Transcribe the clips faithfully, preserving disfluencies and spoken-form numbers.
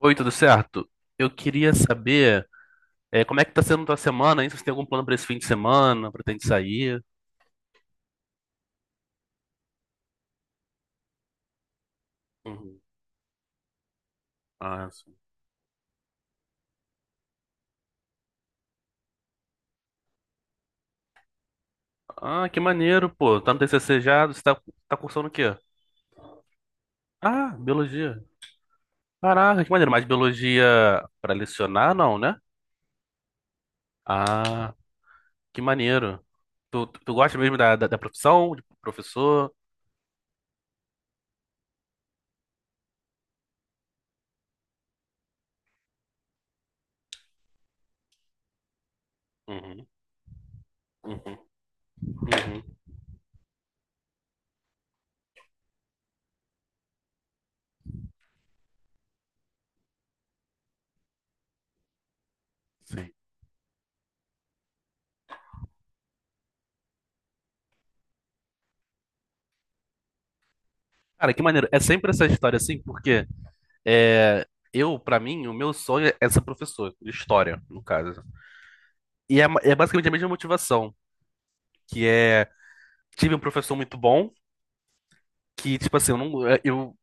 Oi, tudo certo? Eu queria saber, eh, como é que tá sendo tua semana, hein? Se você tem algum plano pra esse fim de semana, pretende sair? Uhum. Ah, sim. Ah, que maneiro, pô. Tá no T C C já? Você tá, tá cursando o quê? Ah, biologia. Caraca, que maneiro. Mas biologia pra lecionar, não, né? Ah, que maneiro. Tu, tu, tu gosta mesmo da, da, da profissão, de professor? Uhum, uhum, uhum. Sim. Cara, que maneiro. É sempre essa história assim, porque é, eu, pra mim, o meu sonho é ser professor de história, no caso. E é, ma- é basicamente a mesma motivação, que é tive um professor muito bom, que tipo assim, eu não é, eu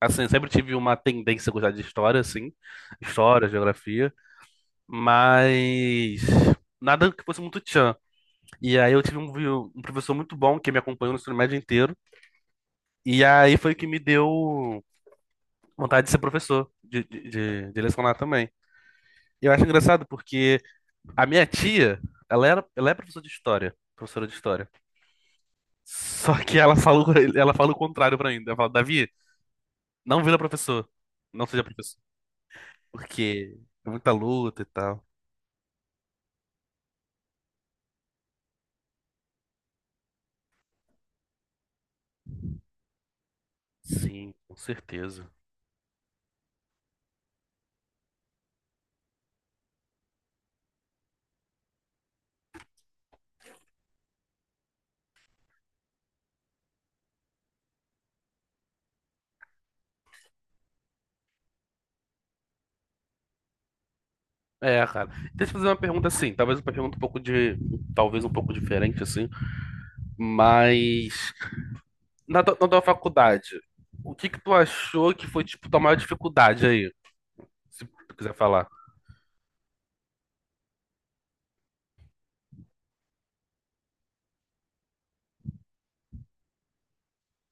assim, eu sempre tive uma tendência a gostar de história assim, história, geografia, mas nada que fosse muito tchan. E aí eu tive um, vi- um professor muito bom que me acompanhou no ensino médio inteiro, e aí foi o que me deu vontade de ser professor, de, de, de, de lecionar também. Eu acho engraçado porque a minha tia, ela era, ela é professora de história, professora de história. Só que ela falou, ela fala o contrário pra mim. Ela fala, Davi, não vira professor, não seja professor, porque é muita luta e tal. Sim, com certeza. É, cara. Deixa eu fazer uma pergunta assim, talvez uma pergunta um pouco de, talvez um pouco diferente assim, mas na, tua- na tua faculdade, o que que tu achou que foi tipo tua maior dificuldade aí, se tu quiser falar?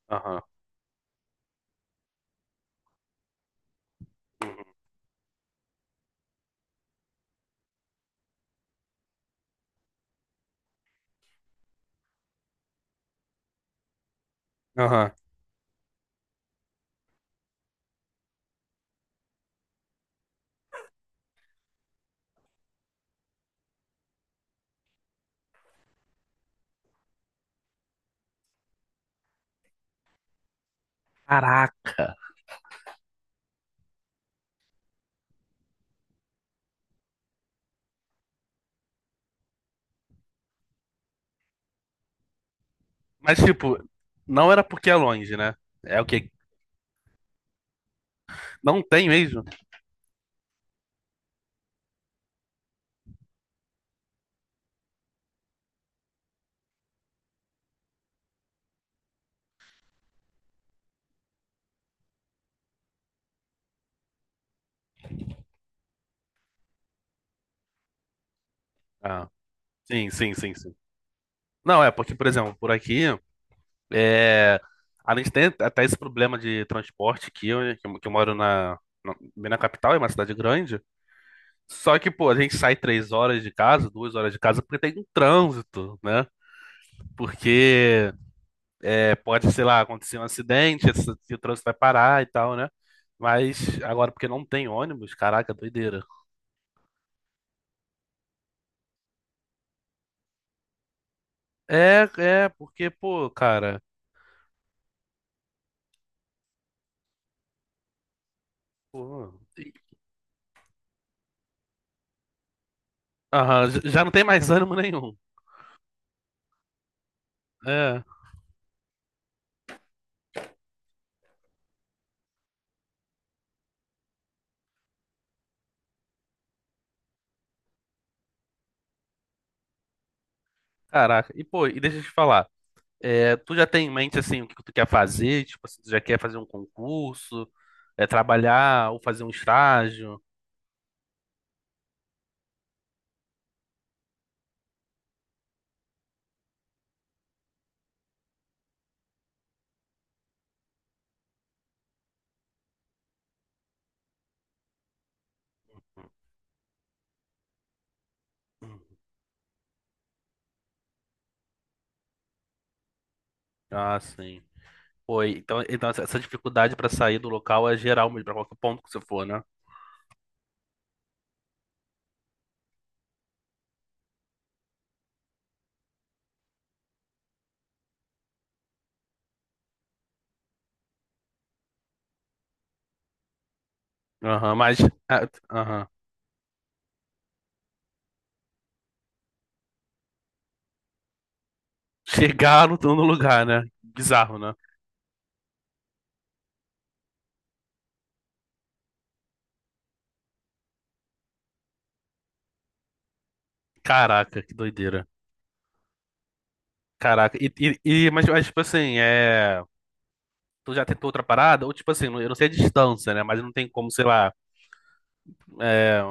Aham. Uhum. Aham. Caraca, mas, tipo, não era porque é longe, né? É o que? Não tem mesmo? Ah, sim, sim, sim, sim. Não, é porque, por exemplo, por aqui, é... a gente tem até esse problema de transporte aqui, eu- que eu, que eu moro na, na, bem na capital, é uma cidade grande. Só que, pô, a gente sai três horas de casa, duas horas de casa, porque tem um trânsito, né? Porque é, pode, sei lá, acontecer um acidente, esse- o trânsito vai parar e tal, né? Mas agora, porque não tem ônibus, caraca, doideira. É, é, porque, pô, cara, pô, aham, j- já não tem mais ânimo nenhum. É, caraca. E, pô, e deixa eu te falar, é, tu já tem em mente, assim, o que tu quer fazer? Tipo, assim, tu já quer fazer um concurso, é, trabalhar ou fazer um estágio? Hum. Ah, sim. Pô, e- então, então essa essa dificuldade pra sair do local é geral mesmo, pra qualquer ponto que você for, né? Aham, mas, ah, aham, chegar no, no lugar, né? Bizarro, né? Caraca, que doideira. Caraca, e, e, e- mas, mas, tipo assim, é. Tu já tentou outra parada? Ou tipo assim, eu não sei a distância, né? Mas não tem como, sei lá, é,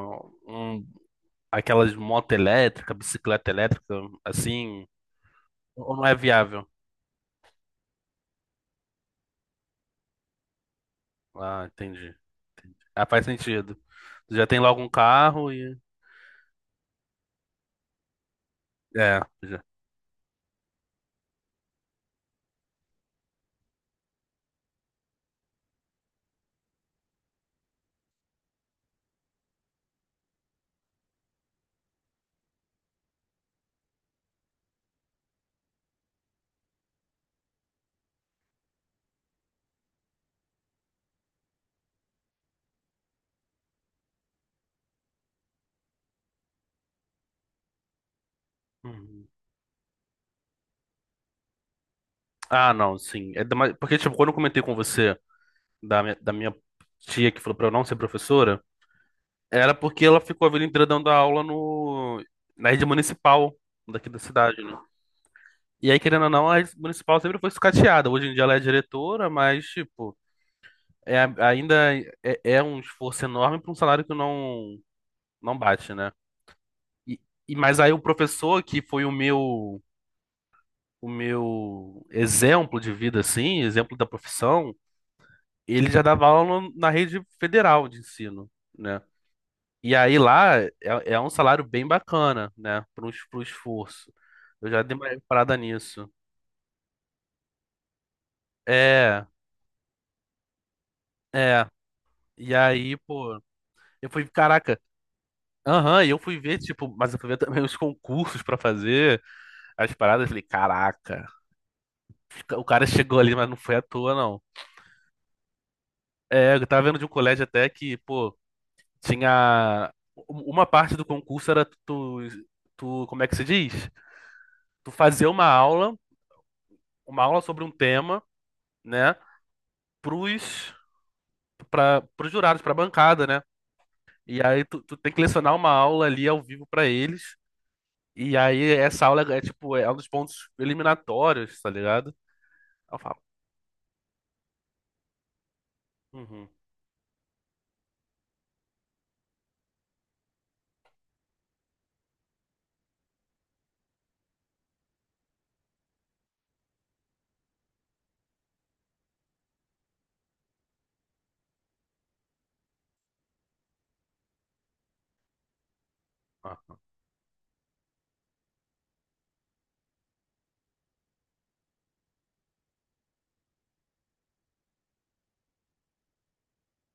um- aquelas moto elétrica, bicicleta elétrica, assim, ou não é viável? Ah, entendi. Entendi. Ah, faz sentido. Tu já tem logo um carro e. É, já. Uhum. Ah, não, sim. É da- mas- porque, tipo, quando eu comentei com você da minha, da minha tia que falou pra eu não ser professora. Era porque ela ficou a vida inteira dando aula no, na rede municipal daqui da cidade, né? E aí, querendo ou não, a rede municipal sempre foi sucateada. Hoje em dia ela é diretora, mas, tipo, é, ainda é, é um esforço enorme para um salário que não, não bate, né? E, e, mas aí o professor, que foi o meu, o meu exemplo de vida, assim, exemplo da profissão, ele já dava aula no- na rede federal de ensino. Né? E aí lá é, é um salário bem bacana, né? Para o esforço. Eu já dei uma parada nisso. É, é. E aí, pô, eu fui, caraca, aham, e eu fui ver, tipo, mas eu fui ver também os concursos pra fazer as paradas. Falei, caraca, o cara chegou ali, mas não foi à toa, não. É, eu tava vendo de um colégio até que, pô, tinha. u- Uma parte do concurso era tu, tu, como é que se diz? Tu fazer uma aula, uma aula sobre um tema, né? pros Para os jurados, para a bancada, né? E aí tu, tu tem que lecionar uma aula ali ao vivo para eles. E aí essa aula é tipo, é um dos pontos eliminatórios, tá ligado? Aí eu falo, uhum, ah,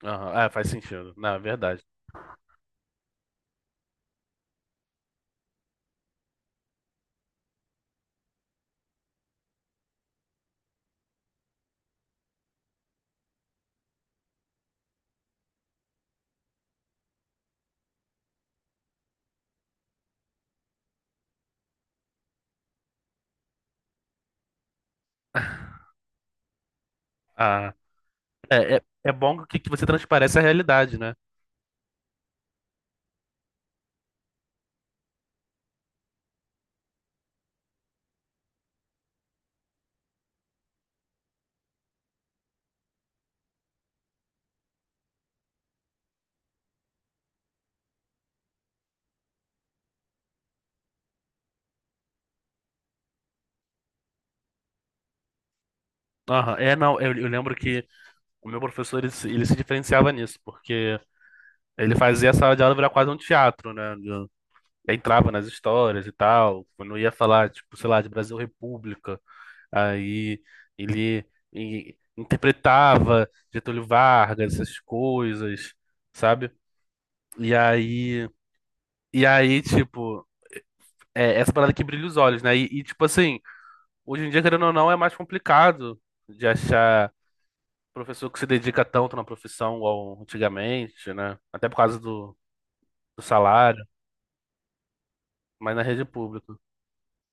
aham, é, faz sentido, na verdade. Ah, é, é, é bom que, que você transparece a realidade, né? Aham, é, não, eu, eu lembro que o meu professor, ele, se- ele se diferenciava nisso, porque ele fazia a sala de aula virar quase um teatro, né? Aí entrava nas histórias e tal, quando ia falar, tipo, sei lá, de Brasil República, aí ele, e- interpretava Getúlio Vargas, essas coisas, sabe? E aí, e aí, tipo, é essa parada que brilha os olhos, né? E, e, tipo assim, hoje em dia, querendo ou não, é mais complicado de achar professor que se dedica tanto na profissão igual antigamente, né? Até por causa do, do salário, mas na rede pública.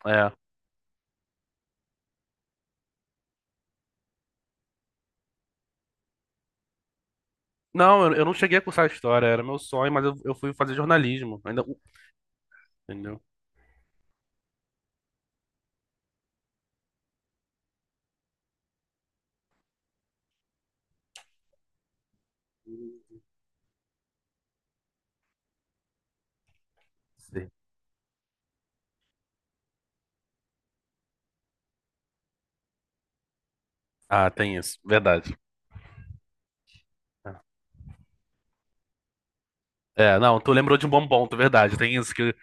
É. Não, eu, eu não cheguei a cursar história, era meu sonho, mas eu, eu fui fazer jornalismo. Ainda, uh, entendeu? Sim. Ah, tem isso, verdade. É, é, não, tu lembrou de um bom ponto, verdade. Tem isso que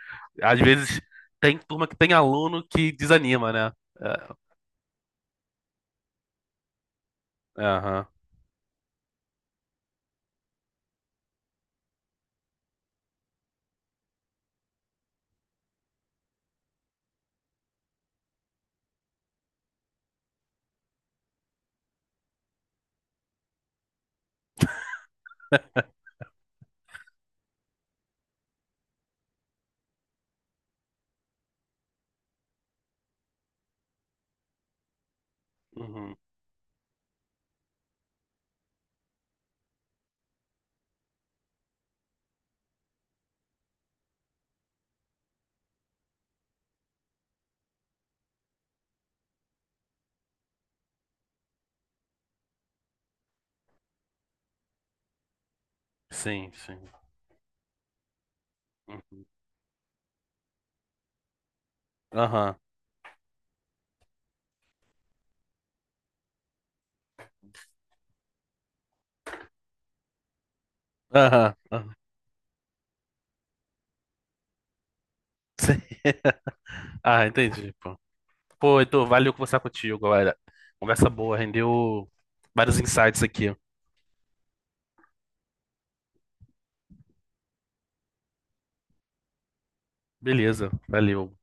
às vezes tem turma que tem aluno que desanima, né? É, é, aham. Uhum. Sim, sim. Uhum. Aham. Aham. Aham. Sim. Ah, entendi, pô. Pô, Heitor, valeu conversar contigo, galera. Conversa boa, rendeu vários insights aqui. Beleza, valeu.